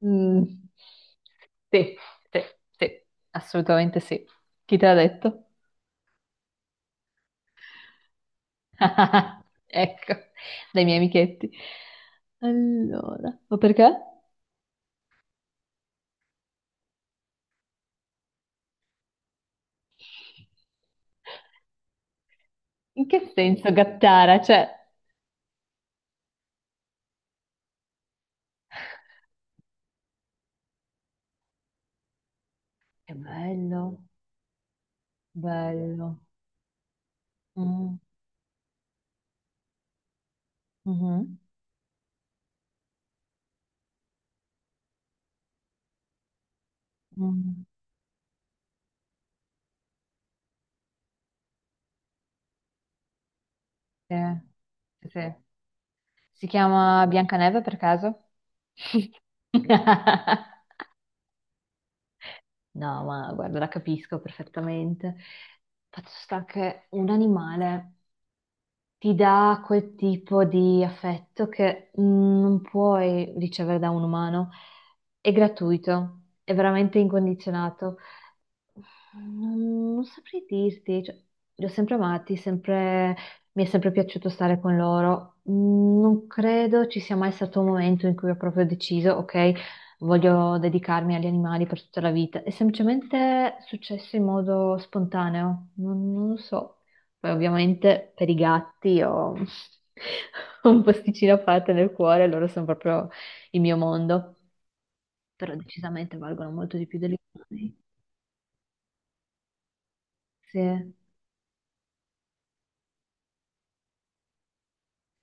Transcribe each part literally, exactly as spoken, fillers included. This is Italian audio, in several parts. Mm, sì, sì, sì, assolutamente sì. Chi te l'ha detto? Ecco, dai miei amichetti. Allora, ma perché? In che senso gattara? Cioè, è bello, bello. Mm, mhm, mm, sì, sì, sì. Si chiama Biancaneve per caso? No, ma guarda, la capisco perfettamente. Fatto sta che un animale ti dà quel tipo di affetto che non puoi ricevere da un umano. È gratuito, è veramente incondizionato. Non, non saprei dirti, cioè, li ho sempre amati, sempre- mi è sempre piaciuto stare con loro. Mm, Non credo ci sia mai stato un momento in cui ho proprio deciso, ok, voglio dedicarmi agli animali per tutta la vita. È semplicemente successo in modo spontaneo, non, non lo so. Poi ovviamente per i gatti ho ho un posticino a parte nel cuore, loro sono proprio il mio mondo, però decisamente valgono molto di più degli umani. Sì,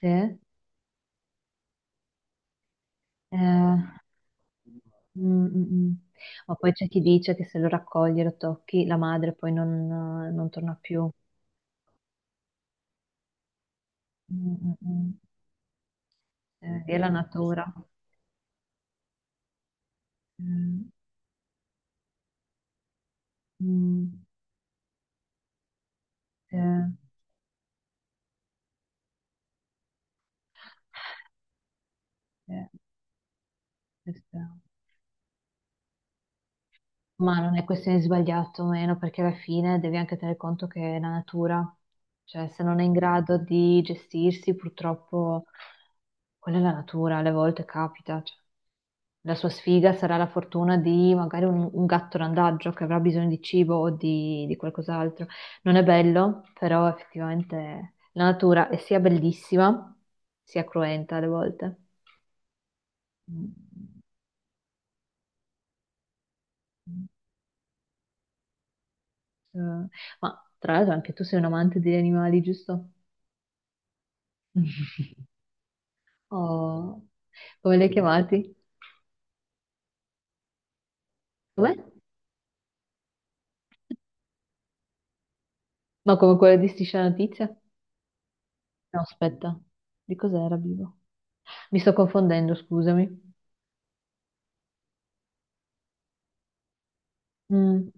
sì. Eh, mm, mm, mm. Ma poi c'è chi dice che se lo raccogli e lo tocchi, la madre poi non, eh, non torna più. Mm, mm, mm. Eh, è la natura. Mm, mm, sì, sì, questo è. Ma non è questione di sbagliato o meno, perché alla fine devi anche tenere conto che è la natura, cioè se non è in grado di gestirsi, purtroppo quella è la natura, alle volte capita. cioè. La sua sfiga sarà la fortuna di magari un, un gatto randagio che avrà bisogno di cibo o di, di qualcos'altro. Non è bello, però effettivamente la natura è sia bellissima, sia cruenta alle volte. Mm. mm, mm. Eh, Ma tra l'altro anche tu sei un amante degli animali, giusto? Oh, come li hai chiamati? Com'è? Ma come quello di Striscia la Notizia? No, aspetta, di cos'era Bibo? Mi sto confondendo, scusami. Mm.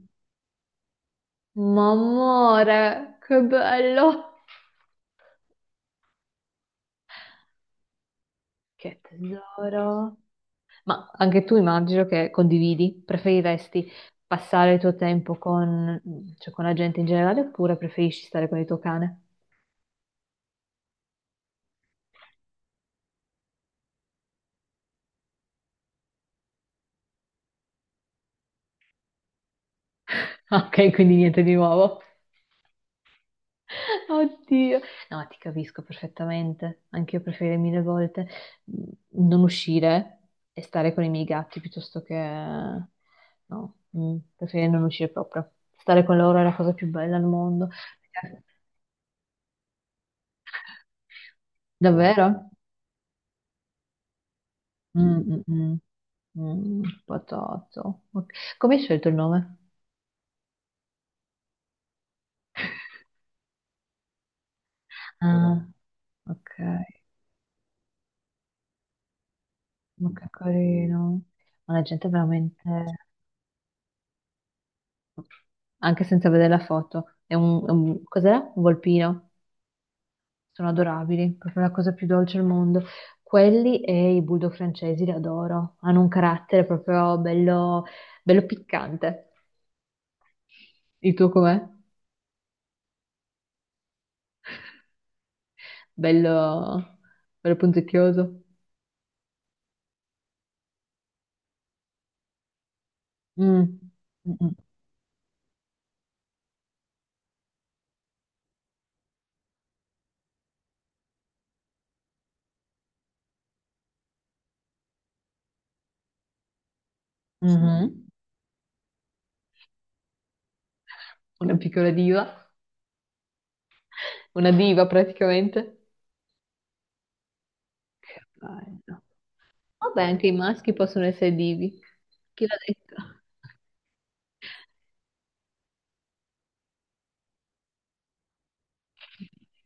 Ma amore, che bello! Che tesoro! Ma anche tu immagino che condividi, preferiresti passare il tuo tempo con, cioè, con la gente in generale oppure preferisci stare con il tuo cane? Ok, quindi niente di nuovo. Oddio, no, ti capisco perfettamente. Anche io preferirei mille volte mm, non uscire e stare con i miei gatti piuttosto che no, mm, preferirei non uscire proprio. Stare con loro è la cosa più bella al mondo. Davvero? Mm, mm, mm. Mm, patato. Ok. Come hai scelto il nome? Ah, ok, ma che carino. Ma la gente è veramente. anche senza vedere la foto. È un, è un- cos'è? Un volpino. Sono adorabili, proprio la cosa più dolce al mondo. Quelli e i bulldog francesi li adoro. Hanno un carattere proprio bello, bello piccante. Il tuo com'è? Bello, bello punzecchioso. Mm. Mm, mm, mhm. Una piccola diva, una diva praticamente. Che bello. Vabbè, anche i maschi possono essere divi. Chi l'ha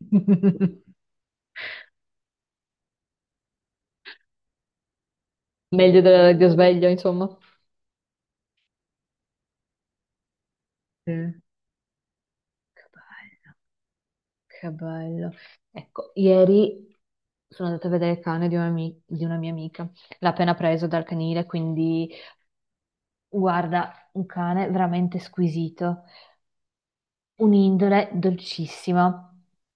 detto? Meglio de- di sveglio, insomma. Mm. Che bello, Che bello. Ecco, ieri sono andata a vedere il cane di una, mi- di una mia amica. L'ha appena preso dal canile, quindi guarda, un cane veramente squisito. Un'indole dolcissima,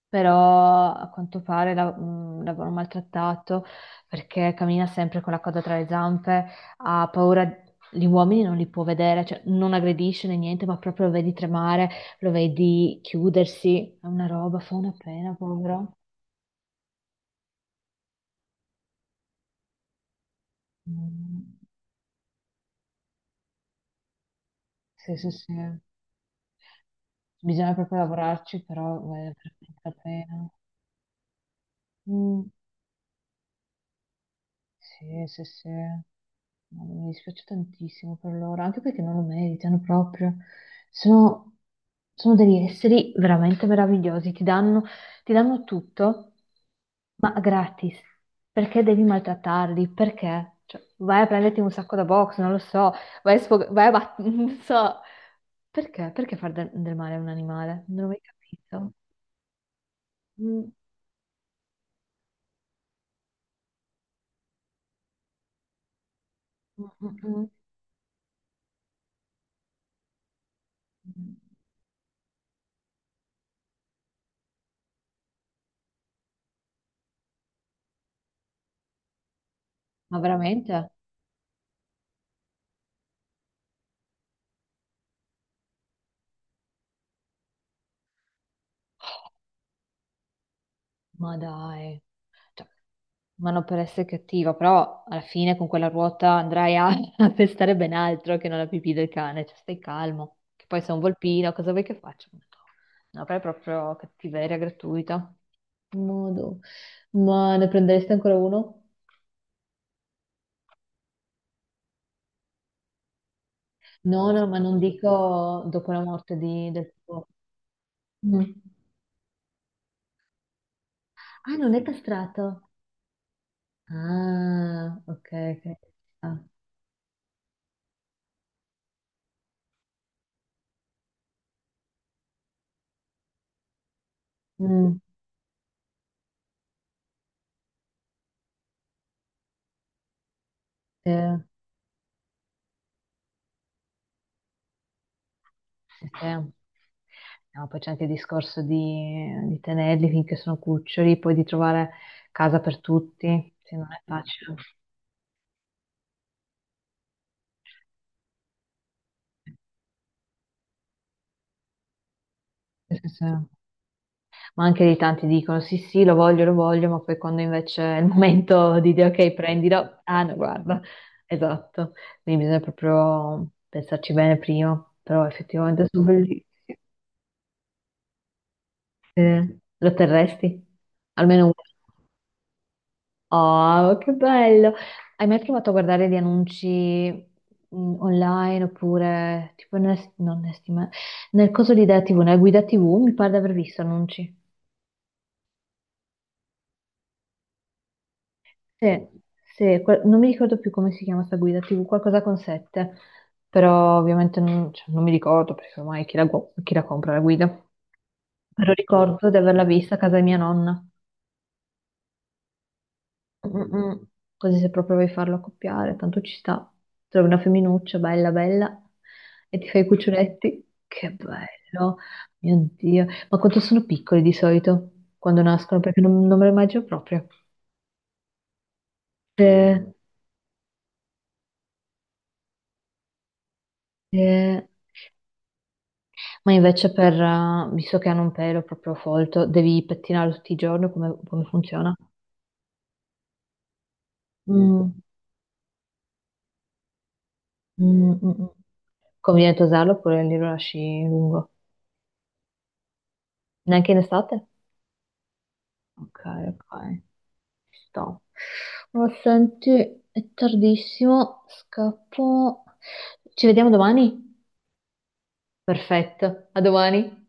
però a quanto pare la- mh, l'avevano maltrattato perché cammina sempre con la coda tra le zampe, ha paura, gli uomini non li può vedere, cioè non aggredisce né niente, ma proprio lo vedi tremare, lo vedi chiudersi, è una roba, fa una pena, povero. Mm, sì, sì, sì, bisogna proprio lavorarci, però vale veramente la pena. Mm. Sì, sì, sì. No, Mi dispiace tantissimo per loro, anche perché non lo meritano proprio. Sono, sono degli esseri veramente meravigliosi, ti danno, ti danno tutto, ma gratis. Perché devi maltrattarli? Perché? Cioè, vai a prenderti un sacco da box, non lo so, vai a sfog- vai a bat- non so. Perché? Perché far del, del male a un animale? Non l'ho mai capito. Mm, mm, mm, mm. Ma veramente? Ma dai, Cioè, ma non per essere cattiva, però alla fine con quella ruota andrai a, a pestare ben altro che non la pipì del cane, cioè stai calmo, che poi sei un volpino, cosa vuoi che faccia? No, però è proprio cattiveria gratuita. Modo. Ma ne prendereste ancora uno? No, no, ma non dico dopo la morte di- del tuo... Mm. Ah, non è castrato. Ah, ok, ok. Ah, mm, sì, sì, sì. No, poi c'è anche il discorso di, di tenerli finché sono cuccioli, poi di trovare casa per tutti, se non è facile. Sì, sì, sì. Ma anche lì tanti dicono sì, sì, lo voglio, lo voglio, ma poi quando invece è il momento di dire ok, prendilo, ah no, guarda, esatto. Quindi bisogna proprio pensarci bene prima, però effettivamente sono bellissimi. Sì. Lo terresti? Almeno uno. Oh, che bello! Hai mai provato a guardare di annunci mh, online oppure tipo nel, non nel, stima- nel coso di Idea T V, nella guida T V? Mi pare di aver visto annunci. Sì, sì, que- non mi ricordo più come si chiama sta guida T V, qualcosa con sette, però ovviamente non, cioè, non mi ricordo perché ormai chi la, gu- chi la compra la guida. Però ricordo di averla vista a casa di mia nonna. Mm, mm. Così se proprio vuoi farlo accoppiare, tanto ci sta. Trovi una femminuccia bella bella e ti fai i cuccioletti. Che bello, mio Dio. Ma quanto sono piccoli di solito quando nascono, perché non, non me lo immagino proprio. Eh, eh, Ma invece per, eh, visto che hanno un pelo proprio folto, devi pettinarlo tutti i giorni, come, come funziona? Mm, mm, mm, mm. Conviene tosarlo oppure lì lo lasci lungo? Neanche in estate? Ok, ok. sta. Oh, senti, è tardissimo, scappo. Ci vediamo domani? Perfetto, a domani.